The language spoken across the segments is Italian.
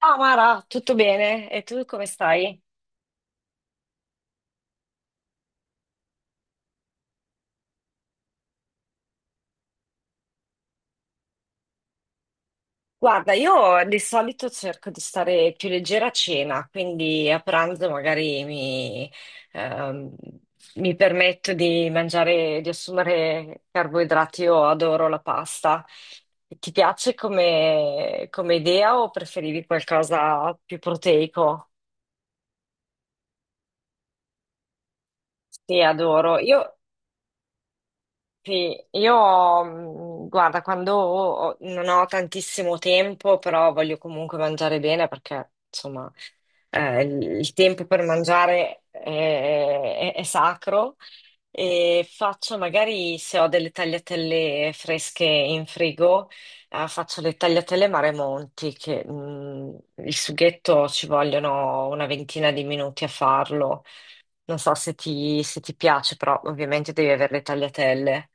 Ciao Mara, tutto bene? E tu come stai? Guarda, io di solito cerco di stare più leggera a cena, quindi a pranzo magari ehm, mi permetto di mangiare, di assumere carboidrati. Io adoro la pasta. Ti piace come idea o preferivi qualcosa più proteico? Sì, adoro. Io Sì, io, guarda, quando non ho tantissimo tempo, però voglio comunque mangiare bene perché, insomma, il tempo per mangiare è sacro e faccio magari, se ho delle tagliatelle fresche in frigo, faccio le tagliatelle Maremonti, che, il sughetto ci vogliono una ventina di minuti a farlo. Non so se ti piace, però ovviamente devi avere le tagliatelle.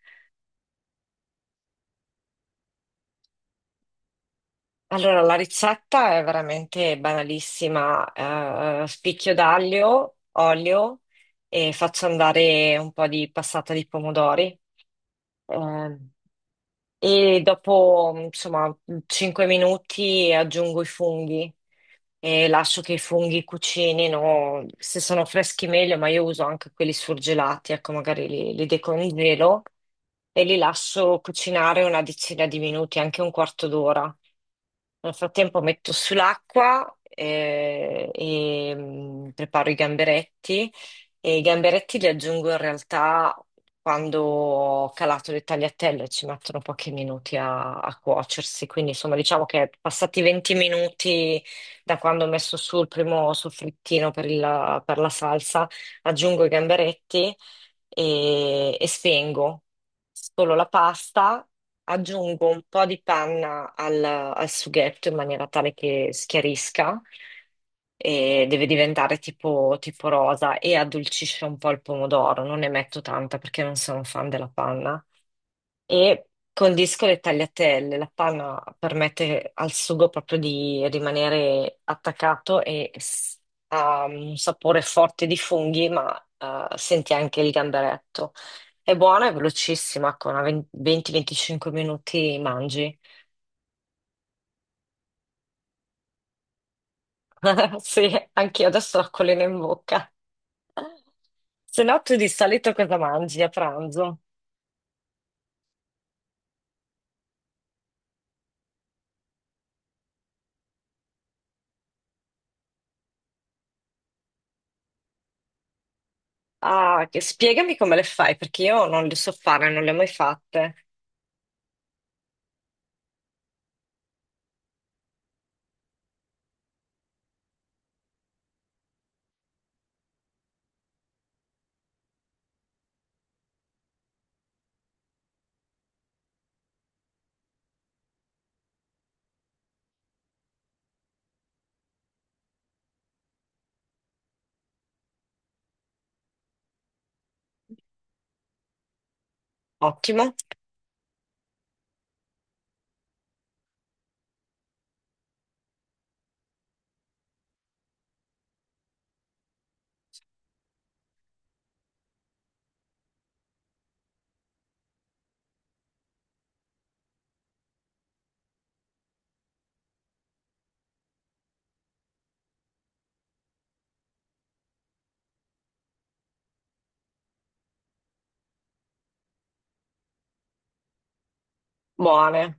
Allora, la ricetta è veramente banalissima, spicchio d'aglio, olio e faccio andare un po' di passata di pomodori. Ehm, e dopo, insomma, 5 minuti aggiungo i funghi e lascio che i funghi cucinino. Se sono freschi meglio, ma io uso anche quelli surgelati, ecco, magari li decongelo e li lascio cucinare una decina di minuti, anche un quarto d'ora. Nel frattempo metto sull'acqua e, preparo i gamberetti e i gamberetti li aggiungo in realtà quando ho calato le tagliatelle, ci mettono pochi minuti a cuocersi, quindi insomma diciamo che passati 20 minuti da quando ho messo su il primo soffrittino per la salsa, aggiungo i gamberetti e spengo. Scolo la pasta, aggiungo un po' di panna al sughetto in maniera tale che schiarisca e deve diventare tipo rosa e addolcisce un po' il pomodoro. Non ne metto tanta perché non sono un fan della panna. E con disco le tagliatelle, la panna permette al sugo proprio di rimanere attaccato e ha un sapore forte di funghi, ma senti anche il gamberetto. È buona e velocissima, con 20-25 minuti mangi. Sì, anch'io adesso ho la collina in bocca. Se no, tu di solito cosa mangi a pranzo? Ah, spiegami come le fai, perché io non le so fare, non le ho mai fatte. Ottimo. Buone,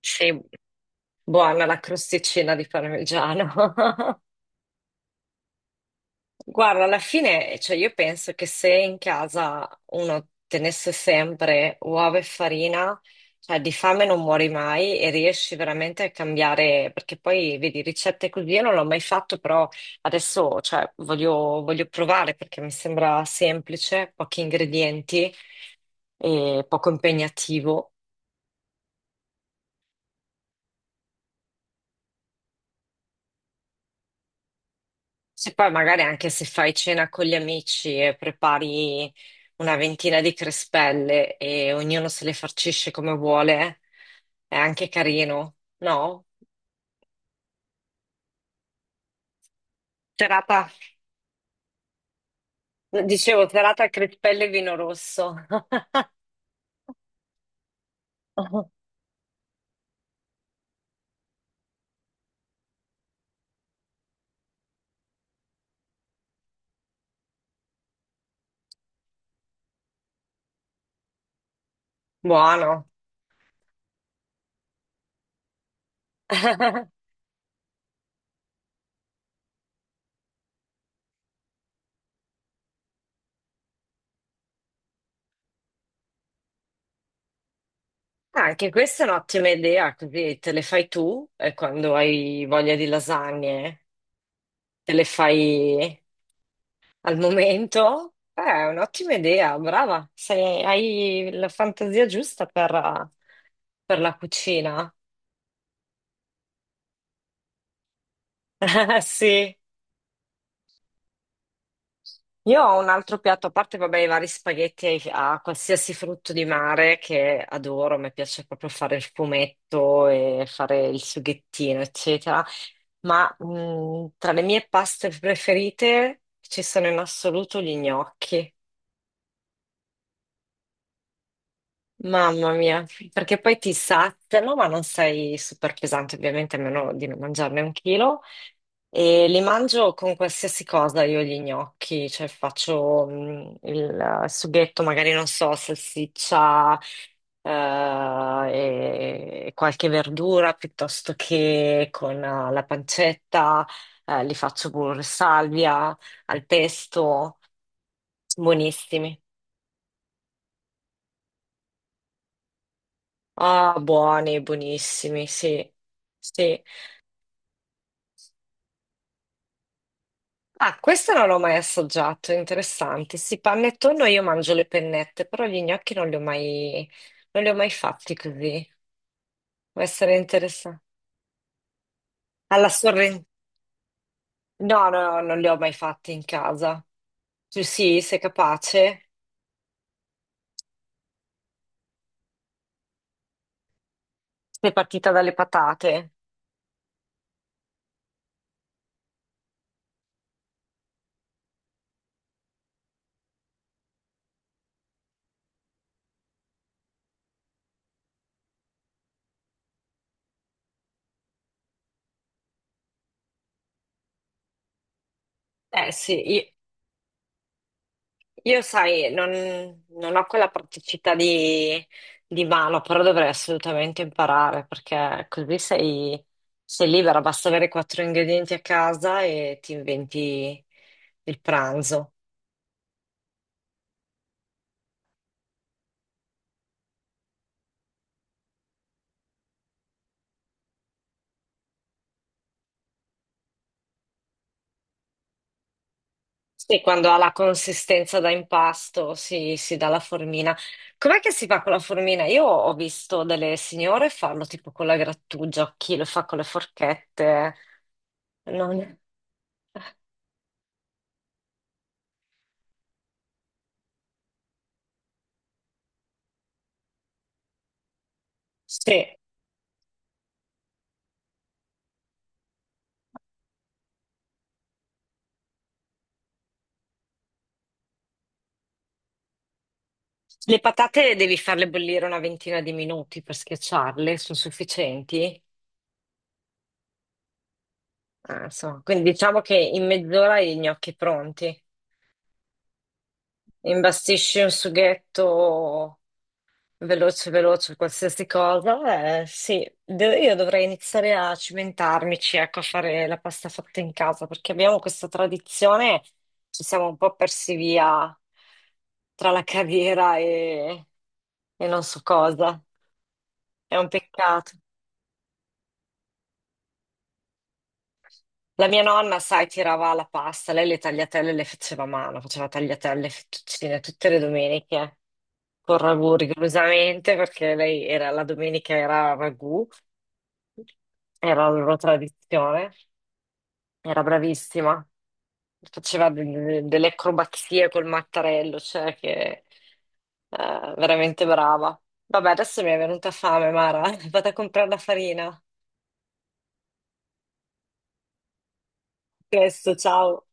sì, buona la crosticina di parmigiano. Guarda, alla fine, cioè io penso che se in casa uno tenesse sempre uova e farina, cioè di fame non muori mai e riesci veramente a cambiare, perché poi vedi ricette così, io non l'ho mai fatto, però adesso, cioè, voglio provare perché mi sembra semplice, pochi ingredienti e poco impegnativo. Se poi magari anche se fai cena con gli amici e prepari una ventina di crespelle e ognuno se le farcisce come vuole, è anche carino, no? Serata, dicevo, serata crespelle e vino rosso. Buono. Anche questa è un'ottima idea, così te le fai tu e quando hai voglia di lasagne te le fai al momento? È un'ottima idea, brava. Hai la fantasia giusta per la cucina. Sì. Io ho un altro piatto, a parte, vabbè, i vari spaghetti a qualsiasi frutto di mare che adoro, mi piace proprio fare il fumetto e fare il sughettino, eccetera. Ma tra le mie paste preferite ci sono in assoluto gli gnocchi. Mamma mia, perché poi ti saziano, ma non sei super pesante, ovviamente, a meno di non mangiarne un chilo. E li mangio con qualsiasi cosa, io gli gnocchi, cioè faccio il sughetto, magari non so, salsiccia e qualche verdura, piuttosto che con la pancetta, li faccio pure salvia, al pesto, buonissimi. Ah, buoni, buonissimi, sì. Sì, ah, questo non l'ho mai assaggiato, interessante. Sì, panettone io mangio le pennette, però gli gnocchi non li ho mai fatti così. Può essere interessante. Alla sorrentino? No, no, no, non li ho mai fatti in casa. Tu sì, sei capace? Sei partita dalle patate? Eh sì, io, sai, non ho quella praticità di mano, però dovrei assolutamente imparare perché così sei libera, basta avere quattro ingredienti a casa e ti inventi il pranzo. Sì, quando ha la consistenza da impasto si dà la formina. Com'è che si fa con la formina? Io ho visto delle signore farlo tipo con la grattugia, chi lo fa con le forchette. Non. Sì. Le patate devi farle bollire una ventina di minuti per schiacciarle, sono sufficienti? Ah, insomma, quindi diciamo che in mezz'ora hai i gnocchi pronti. Imbastisci un sughetto veloce, veloce, qualsiasi cosa. Eh, sì, io dovrei iniziare a cimentarmici, ecco, a fare la pasta fatta in casa, perché abbiamo questa tradizione, ci siamo un po' persi via tra la carriera e non so cosa. È un peccato. La mia nonna, sai, tirava la pasta, lei le tagliatelle le faceva a mano, faceva tagliatelle, fettuccine tutte le domeniche, con ragù rigorosamente, perché lei era, la domenica era ragù, era la loro tradizione, era bravissima, faceva delle acrobazie col mattarello, cioè che veramente brava. Vabbè, adesso mi è venuta fame, Mara, vado a comprare la farina. A presto, ciao.